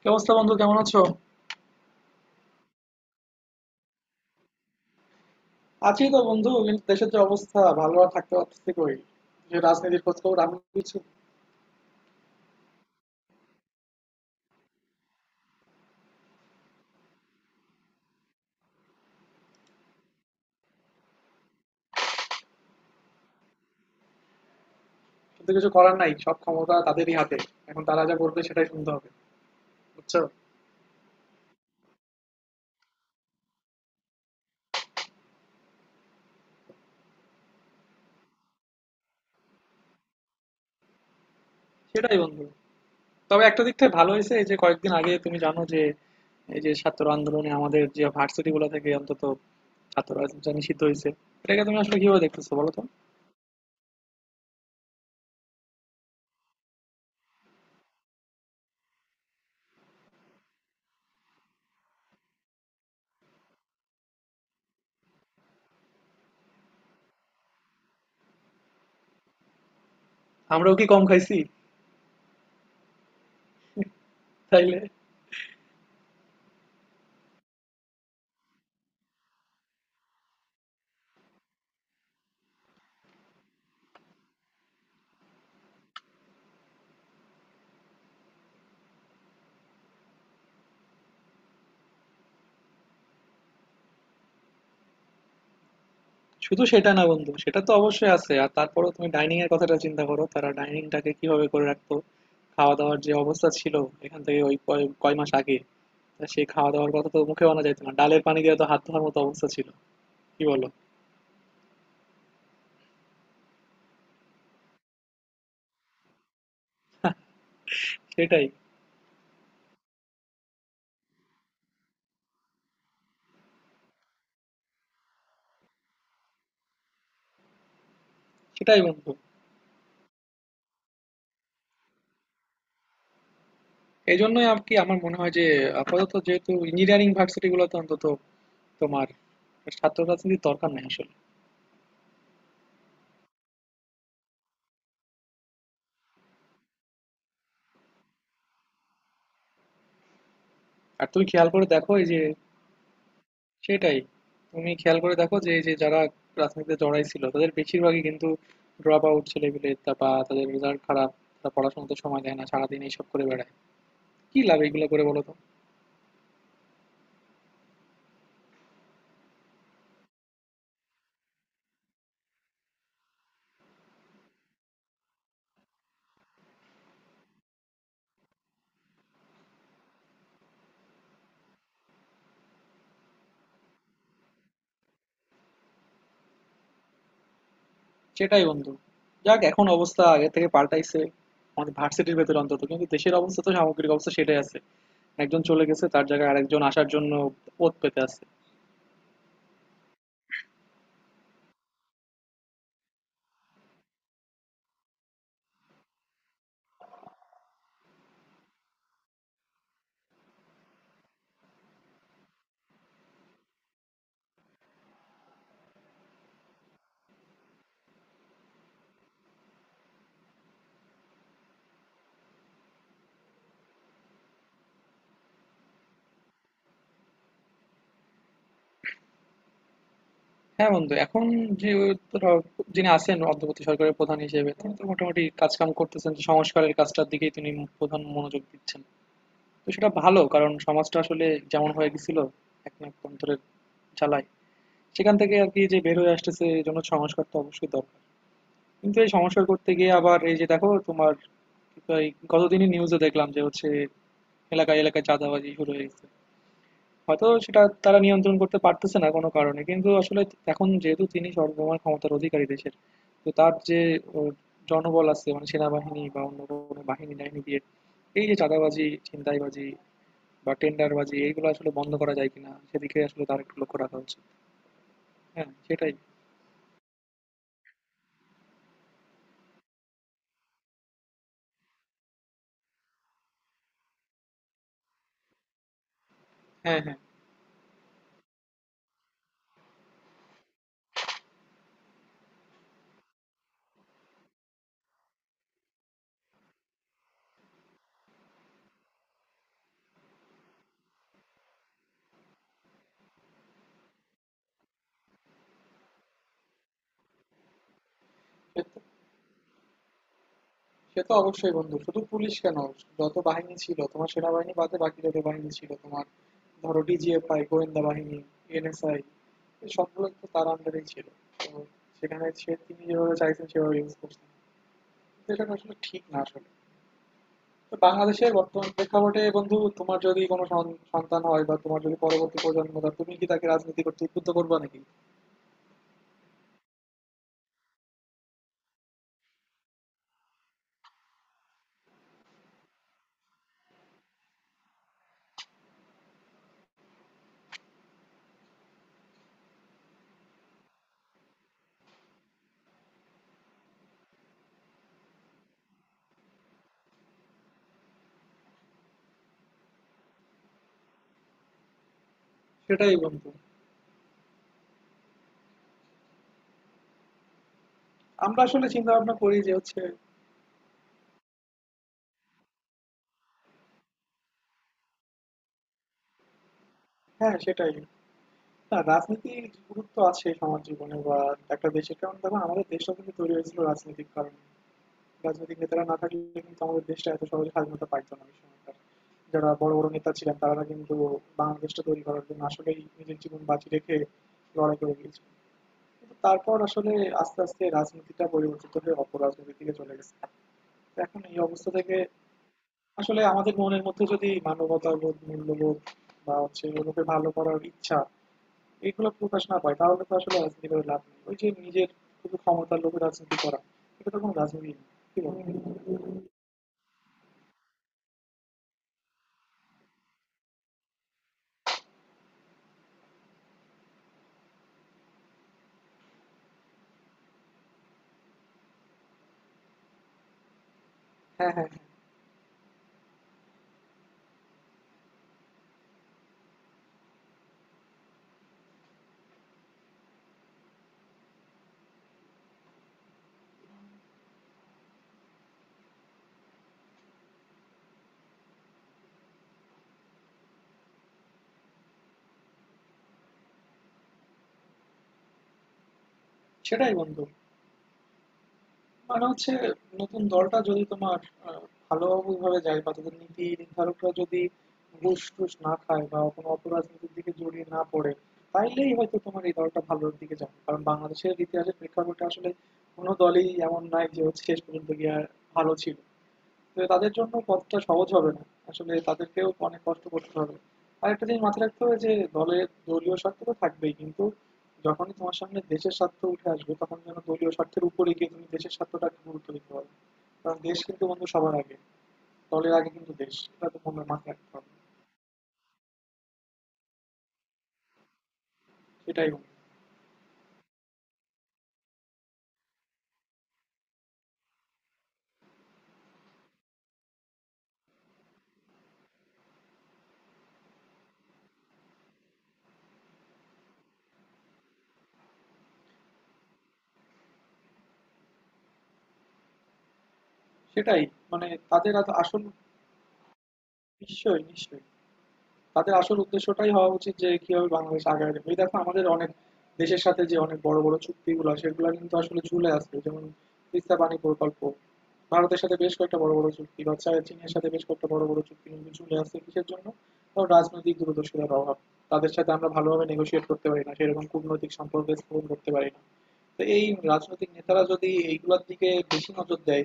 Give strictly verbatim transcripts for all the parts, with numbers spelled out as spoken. কি অবস্থা বন্ধু? কেমন আছো? আছি তো বন্ধু, কিন্তু দেশের যে অবস্থা, ভালো আর থাকতে পারতেছি কই, যে রাজনীতির খোঁজ খবর আমি কিছু। কিন্তু কিছু করার নাই, সব ক্ষমতা তাদেরই হাতে। এখন তারা যা বলবে সেটাই শুনতে হবে, বুঝছো? সেটাই বন্ধু। তবে একটা দিক থেকে ভালো হয়েছে, এই যে কয়েকদিন আগে তুমি জানো যে, এই যে ছাত্র আন্দোলনে আমাদের যে ভার্সিটি গুলো থেকে অন্তত ছাত্র রাজনীতিটা নিষিদ্ধ হয়েছে। এটাকে তুমি আসলে কিভাবে দেখতেছো বলো তো? আমরাও কি কম খাইছি? তাইলে। শুধু সেটা না বন্ধু, সেটা তো অবশ্যই আছে। আর তারপরেও তুমি ডাইনিং এর কথাটা চিন্তা করো, তারা ডাইনিংটাকে কিভাবে করে রাখতো, খাওয়া দাওয়ার যে অবস্থা ছিল এখান থেকে ওই কয় কয় মাস আগে। তা সেই খাওয়া দাওয়ার কথা তো মুখে আনা যাইতো না, ডালের পানি দিয়ে তো হাত ধোয়ার মতো অবস্থা ছিল। কি বলো? সেটাই। সেটাই বন্ধু। এই জন্যই আর কি, আমার মনে হয় যে আপাতত যেহেতু ইঞ্জিনিয়ারিং ভার্সিটি গুলোতে অন্তত, তোমার ছাত্র রাজনীতির দরকার নাই আসলে। আর তুমি খেয়াল করে দেখো এই যে, সেটাই। তুমি খেয়াল করে দেখো যে এই যে যারা রাজনীতিতে জড়াই ছিল তাদের বেশিরভাগই কিন্তু ড্রপ আউট ছেলেপিলে, তা বা তাদের রেজাল্ট খারাপ, তারা পড়াশোনাতে সময় দেয় না, সারাদিন এইসব করে বেড়ায়। কি লাভ এইগুলো করে বলো তো? সেটাই বন্ধু। যাক, এখন অবস্থা আগে থেকে পাল্টাইছে আমাদের ভার্সিটির ভেতরে অন্তত, কিন্তু দেশের অবস্থা তো, সামগ্রিক অবস্থা সেটাই আছে। একজন চলে গেছে, তার জায়গায় আরেকজন আসার জন্য পথ পেতে আছে। হ্যাঁ বন্ধু, এখন যে, ধরো, যিনি আছেন অন্তর্বর্তী সরকারের প্রধান হিসেবে তিনি তো মোটামুটি কাজকাম করতেছেন, যে সংস্কারের কাজটার দিকেই তিনি প্রধান মনোযোগ দিচ্ছেন। তো সেটা ভালো, কারণ সমাজটা আসলে যেমন হয়ে গেছিল এক নাকতন্ত্রের জ্বালায়, সেখান থেকে আর কি যে বের হয়ে আসতেছে, এই জন্য সংস্কার তো অবশ্যই দরকার। কিন্তু এই সংস্কার করতে গিয়ে আবার এই যে দেখো তোমার, এই গতদিনই নিউজে দেখলাম যে হচ্ছে এলাকায় এলাকায় চাঁদাবাজি শুরু হয়ে গেছে। হয়তো সেটা তারা নিয়ন্ত্রণ করতে পারতেছে না কোনো কারণে, কিন্তু আসলে এখন যেহেতু তিনি সর্বময় ক্ষমতার অধিকারী দেশের, তো তার যে ও, জনবল আছে, মানে সেনাবাহিনী বা অন্য কোনো বাহিনী টাহিনী দিয়ে এই যে চাঁদাবাজি ছিনতাইবাজি বা টেন্ডারবাজি এইগুলো আসলে বন্ধ করা যায় কিনা, সেদিকে আসলে তার একটু লক্ষ্য রাখা উচিত। হ্যাঁ, সেটাই। হ্যাঁ, হ্যাঁ। সে তো- সে তো অবশ্যই বন্ধু, শুধু পুলিশ কেন? যত বাহিনী ছিল তোমার, সেনাবাহিনী বাদে বাকি যত বাহিনী ছিল তোমার, ধরো ডিজিএফআই গোয়েন্দা বাহিনী, এনএসআই, সবগুলো তো তার আন্ডারেই ছিল। তো সেখানে সে তিনি যেভাবে চাইছেন সেভাবে ইউজ করছেন, কিন্তু এটা আসলে ঠিক না আসলে। তো বাংলাদেশের বর্তমান প্রেক্ষাপটে বন্ধু, তোমার যদি কোনো সন- সন্তান হয় বা তোমার যদি পরবর্তী প্রজন্ম, তা তুমি কি তাকে রাজনীতি করতে উদ্বুদ্ধ করবা নাকি? সেটাই বন্ধু। আমরা আসলে চিন্তা ভাবনা করি যে হচ্ছে, হ্যাঁ সেটাই। না, রাজনীতির গুরুত্ব আছে সমাজ জীবনে বা একটা দেশের, কারণ দেখো আমাদের দেশটা কিন্তু তৈরি হয়েছিল রাজনৈতিক কারণে। রাজনৈতিক নেতারা না থাকলে কিন্তু আমাদের দেশটা এত সহজে স্বাধীনতা পাইতো না ওই সময়কার। যারা বড়, বড় নেতা ছিলেন তারা কিন্তু বাংলাদেশটা তৈরি করার জন্য আসলেই নিজের জীবন বাজি রেখে লড়াই করে গিয়েছিল। কিন্তু তারপর আসলে আস্তে, আস্তে রাজনীতিটা পরিবর্তিত হয়ে অপরাজনীতির দিকে চলে গেছে। তো এখন এই অবস্থা থেকে আসলে আমাদের মনের মধ্যে যদি মানবতাবোধ, মূল্যবোধ, বা হচ্ছে অন্যকে ভালো করার ইচ্ছা এগুলো প্রকাশ না পায়, তাহলে তো আসলে রাজনীতি করে লাভ নেই। ওই যে নিজের শুধু ক্ষমতার লোভে রাজনীতি করা, এটা তো কোনো রাজনীতি না। কি বলো? হুম। হ্যাঁ, হ্যাঁ, হ্যাঁ। সেটাই বন্ধু, মানে হচ্ছে নতুন দলটা যদি তোমার আহ, ভালোভাবে যায়, বা তাদের নীতি নির্ধারকরা যদি ঘুষ টুস না খায় বা কোনো অপরাজনীতির দিকে জড়িয়ে না পড়ে, তাইলেই হয়তো তোমার এই দলটা ভালোর দিকে যাবে, কারণ বাংলাদেশের ইতিহাসের প্রেক্ষাপটে আসলে কোনো দলই এমন নাই যে হচ্ছে শেষ পর্যন্ত গিয়ে আর ভালো ছিল। তো তাদের জন্য পথটা সহজ হবে না, আসলে তাদেরকেও অনেক কষ্ট করতে হবে। আর একটা জিনিস মাথায় রাখতে হবে যে, দলের দলীয় স্বার্থ তো থাকবেই, কিন্তু যখনই তোমার সামনে দেশের স্বার্থ উঠে আসবে তখন যেন দলীয় স্বার্থের উপরে গিয়ে তুমি দেশের স্বার্থটাকে গুরুত্ব দিতে পারো, কারণ দেশ কিন্তু বন্ধু সবার আগে, দলের আগে কিন্তু দেশ, এটা তো মনে মাথায় রাখতে হবে। সেটাই বন্ধু। সেটাই, মানে তাদের আস- আসল, নিশ্চয়ই, নিশ্চয়ই, তাদের আসল উদ্দেশ্যটাই হওয়া উচিত যে কিভাবে বাংলাদেশ আগায় যাবে। এই দেখো, আমাদের অনেক দেশের সাথে যে অনেক বড় বড় চুক্তিগুলো, সেগুলো কিন্তু আসলে ঝুলে আছে, যেমন তিস্তা পানি প্রকল্প, ভারতের সাথে বেশ কয়েকটা বড় বড় চুক্তি, বা চা- চীনের সাথে বেশ কয়েকটা বড় বড় চুক্তি কিন্তু ঝুলে আছে কিসের জন্য? কারণ রাজনৈতিক দূরদর্শিতার অভাব। তাদের সাথে আমরা ভালোভাবে নেগোশিয়েট করতে পারি না, সেরকম কূটনৈতিক সম্পর্ক স্থাপন করতে পারি না। তো এই রাজনৈতিক নেতারা যদি এইগুলোর দিকে বেশি নজর দেয়,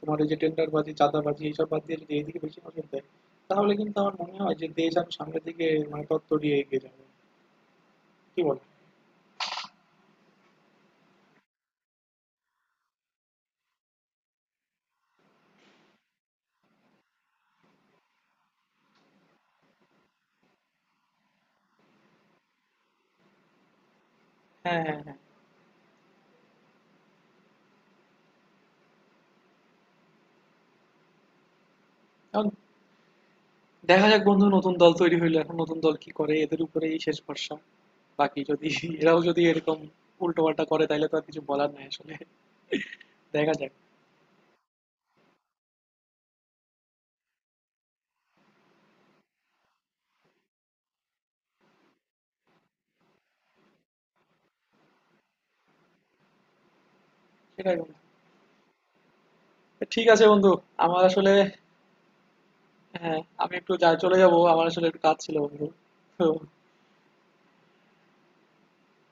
তোমার এই যে টেন্ডারবাজি চাঁদাবাজি এইসব বাদ দিয়ে যদি এইদিকে বেশি নজর দেয়, তাহলে কিন্তু আমার মনে হয় যে দেশ আমি সামনের দিকে, মানে তত্তরিয়ে এগিয়ে যাবে। কি বল? হ্যাঁ, হ্যাঁ, হ্যাঁ। এখন দেখা যাক বন্ধু, নতুন দল তৈরি হইলো, এখন নতুন দল কি করে, এদের উপরেই শেষ ভরসা। বাকি যদি এরাও যদি এরকম উল্টো পাল্টা করে, তাহলে তো আর কিছু বলার নাই আসলে। দেখা যাক। সেটাই বন্ধু। তো ঠিক আছে বন্ধু। আমার আসলে, হ্যাঁ, আমি একটু যা চলে যাব, আমার আসলে একটু কাজ ছিল বন্ধু। তো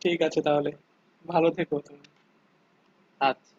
ঠিক আছে তাহলে, ভালো থেকো তুমি। আচ্ছা।